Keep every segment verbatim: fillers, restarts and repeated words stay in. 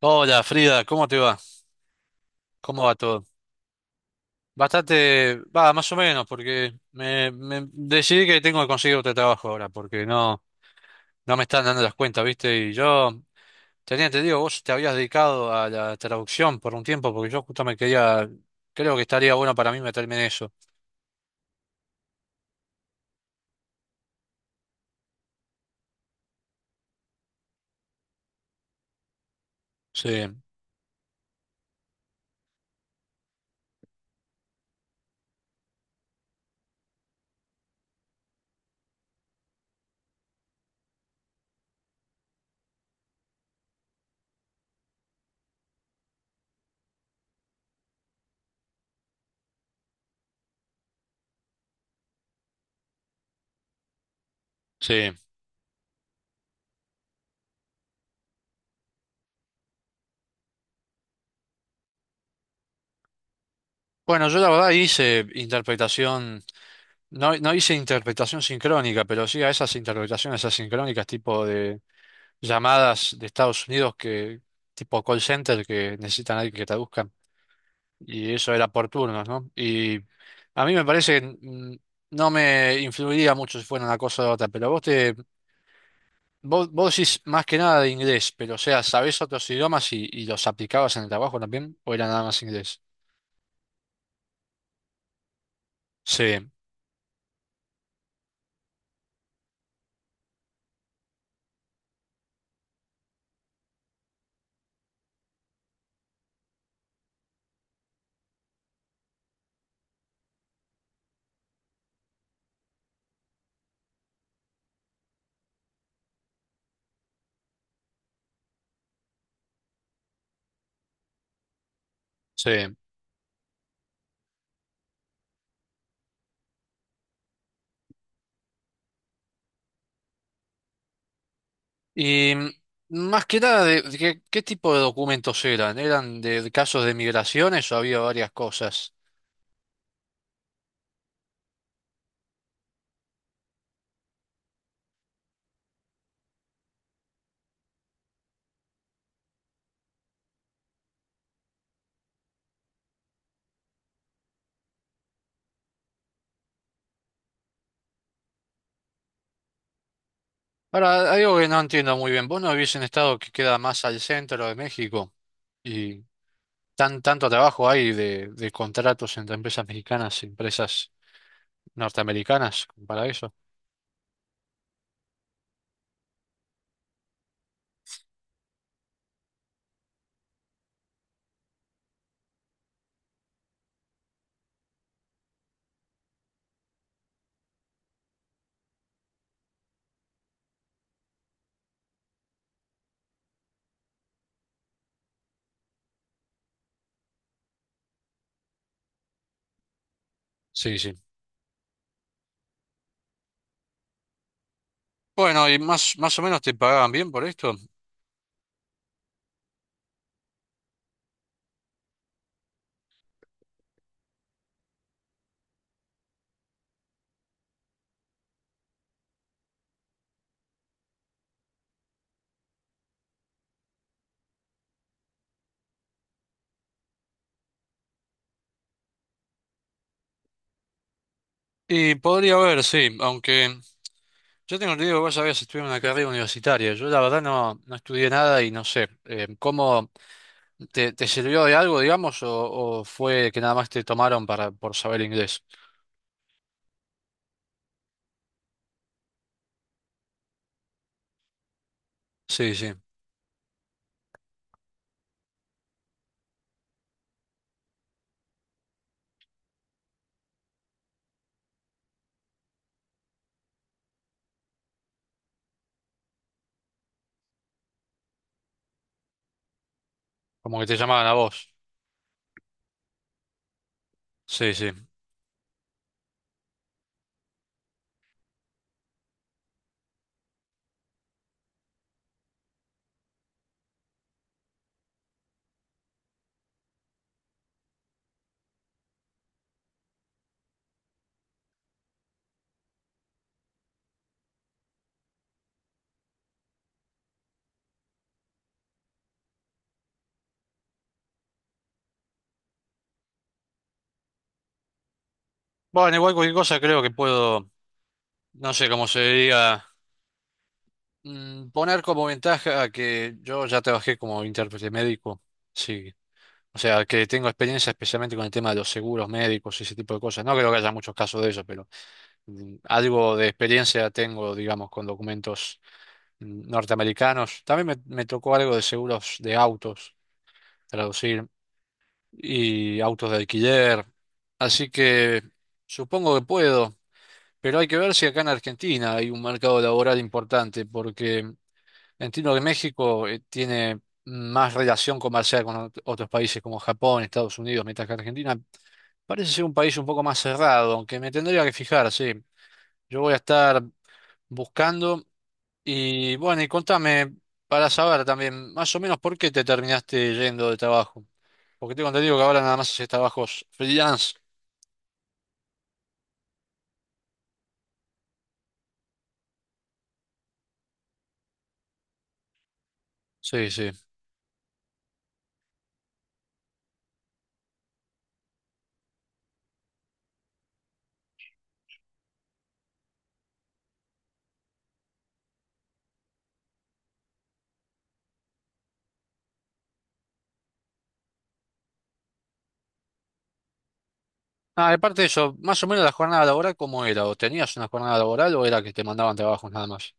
Hola Frida, ¿cómo te va? ¿Cómo va todo? Bastante, va, más o menos, porque me, me decidí que tengo que conseguir otro trabajo ahora, porque no, no me están dando las cuentas, ¿viste? Y yo tenía, te digo, vos te habías dedicado a la traducción por un tiempo, porque yo justo me quería, creo que estaría bueno para mí meterme en eso. Sí, sí. Bueno, yo la verdad hice interpretación, no, no hice interpretación sincrónica, pero sí a esas interpretaciones asincrónicas tipo de llamadas de Estados Unidos que, tipo call center, que necesitan a alguien que traduzcan. Y eso era por turnos, ¿no? Y a mí me parece que mm, no me influiría mucho si fuera una cosa u otra, pero vos te, vos, vos decís más que nada de inglés, pero o sea, ¿sabés otros idiomas y, y los aplicabas en el trabajo también? ¿O era nada más inglés? Sí, sí. Y mm, más que nada, de, de qué, ¿qué tipo de documentos eran? ¿Eran de de casos de migraciones o había varias cosas? Ahora, algo que no entiendo muy bien, vos no vivís en un estado que queda más al centro de México y tan, tanto trabajo hay de, de contratos entre empresas mexicanas y empresas norteamericanas para eso. Sí, sí. Bueno, y más, más o menos te pagaban bien por esto. Y podría haber, sí, aunque yo tengo entendido que vos habías estudiado una carrera universitaria. Yo la verdad no, no estudié nada y no sé, eh, ¿cómo te, te sirvió de algo, digamos, o, o fue que nada más te tomaron para, por saber inglés? Sí, sí, como que te llamaban a vos. Sí, sí. Bueno, igual cualquier cosa creo que puedo, no sé cómo se diría, mm, poner como ventaja que yo ya trabajé como intérprete médico, sí. O sea, que tengo experiencia especialmente con el tema de los seguros médicos y ese tipo de cosas. No creo que haya muchos casos de eso, pero mm, algo de experiencia tengo, digamos, con documentos mm, norteamericanos. También me, me tocó algo de seguros de autos, traducir, y autos de alquiler. Así que supongo que puedo. Pero hay que ver si acá en Argentina hay un mercado laboral importante, porque entiendo que México eh, tiene más relación comercial con ot- otros países como Japón, Estados Unidos, mientras que Argentina parece ser un país un poco más cerrado, aunque me tendría que fijar, sí. Yo voy a estar buscando y bueno, y contame para saber también más o menos por qué te terminaste yendo de trabajo, porque tengo entendido que ahora nada más haces trabajos freelance. Sí, sí. Ah, aparte de eso, más o menos la jornada laboral, ¿cómo era? ¿O tenías una jornada laboral o era que te mandaban trabajos nada más?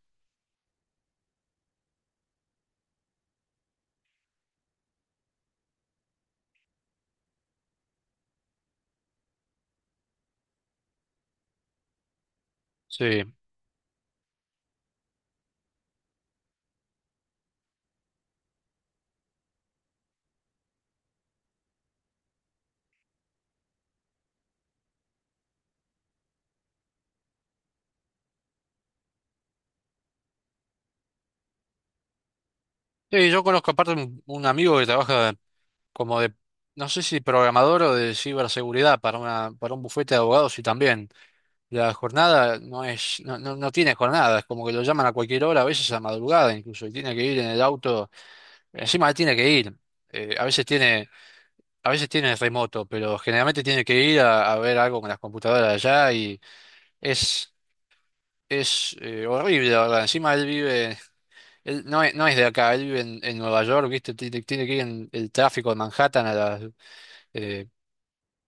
Sí. Sí, yo conozco aparte un, un amigo que trabaja como de, no sé si programador o de ciberseguridad para una, para un bufete de abogados y también la jornada no es, no, no, no tiene jornada, es como que lo llaman a cualquier hora, a veces a madrugada incluso, y tiene que ir en el auto, encima tiene que ir. Eh, a veces tiene, a veces tiene remoto, pero generalmente tiene que ir a, a ver algo con las computadoras allá y es Es eh, horrible, la verdad. Encima él vive, él no es, no es de acá, él vive en, en Nueva York, ¿viste? Tiene, tiene que ir en el tráfico de Manhattan a las, eh,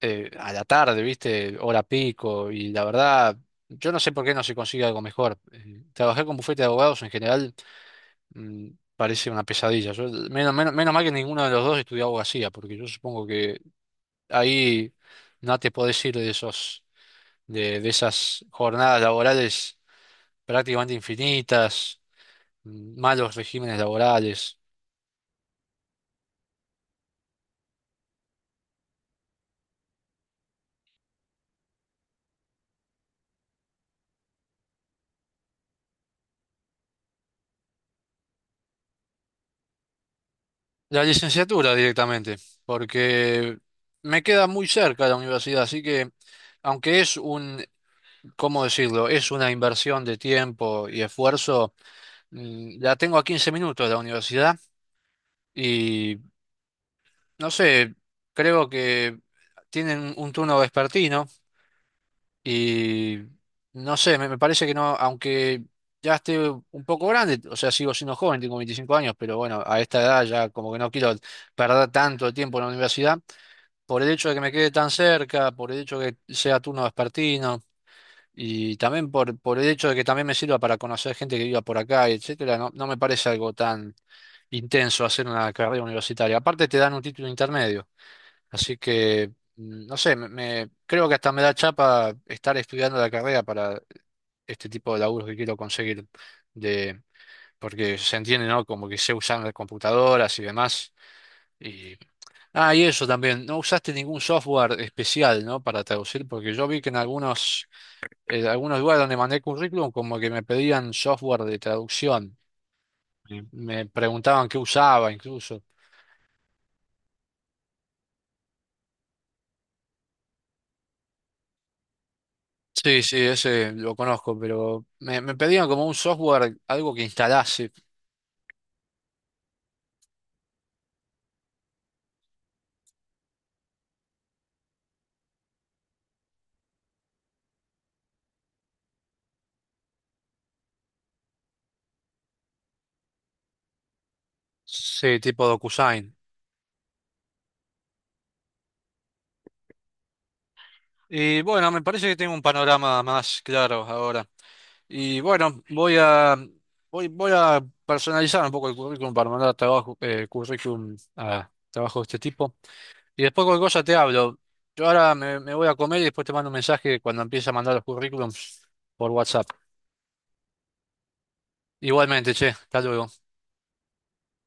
eh, a la tarde, ¿viste? Hora pico. Y la verdad, yo no sé por qué no se consigue algo mejor. Eh, trabajar con bufete de abogados en general mm, parece una pesadilla. Yo- menos, menos, menos mal que ninguno de los dos estudió abogacía, porque yo supongo que ahí no te podés ir de esos, de, de esas jornadas laborales prácticamente infinitas malos regímenes laborales. La licenciatura directamente, porque me queda muy cerca la universidad, así que aunque es un, ¿cómo decirlo? Es una inversión de tiempo y esfuerzo, mm, la tengo a quince minutos de la universidad y no sé, creo que tienen un turno vespertino. Y no sé, me, me parece que no, aunque ya esté un poco grande, o sea, sigo siendo joven, tengo veinticinco años, pero bueno, a esta edad ya como que no quiero perder tanto tiempo en la universidad, por el hecho de que me quede tan cerca, por el hecho de que sea turno vespertino, y también por, por el hecho de que también me sirva para conocer gente que viva por acá, etcétera, no, no me parece algo tan intenso hacer una carrera universitaria. Aparte te dan un título intermedio, así que mm, no sé, me, me- creo que hasta me da chapa estar estudiando la carrera para este tipo de laburos que quiero conseguir de porque se entiende, ¿no? Como que sé usar las computadoras y demás. Y, ah, y eso también, ¿no usaste ningún software especial, ¿no? Para traducir, porque yo vi que en algunos, en algunos lugares donde mandé currículum, como que me pedían software de traducción. Sí. Me preguntaban qué usaba incluso. Sí, sí, ese lo conozco, pero me, me pedían como un software, algo que instalase, sí, tipo DocuSign. Y bueno, me parece que tengo un panorama más claro ahora. Y bueno, voy a, voy, voy a personalizar un poco el currículum para mandar trabajo, eh, currículum a trabajo de este tipo. Y después cualquier cosa te hablo. Yo ahora me, me voy a comer y después te mando un mensaje cuando empiece a mandar los currículums por WhatsApp. Igualmente, che, hasta luego.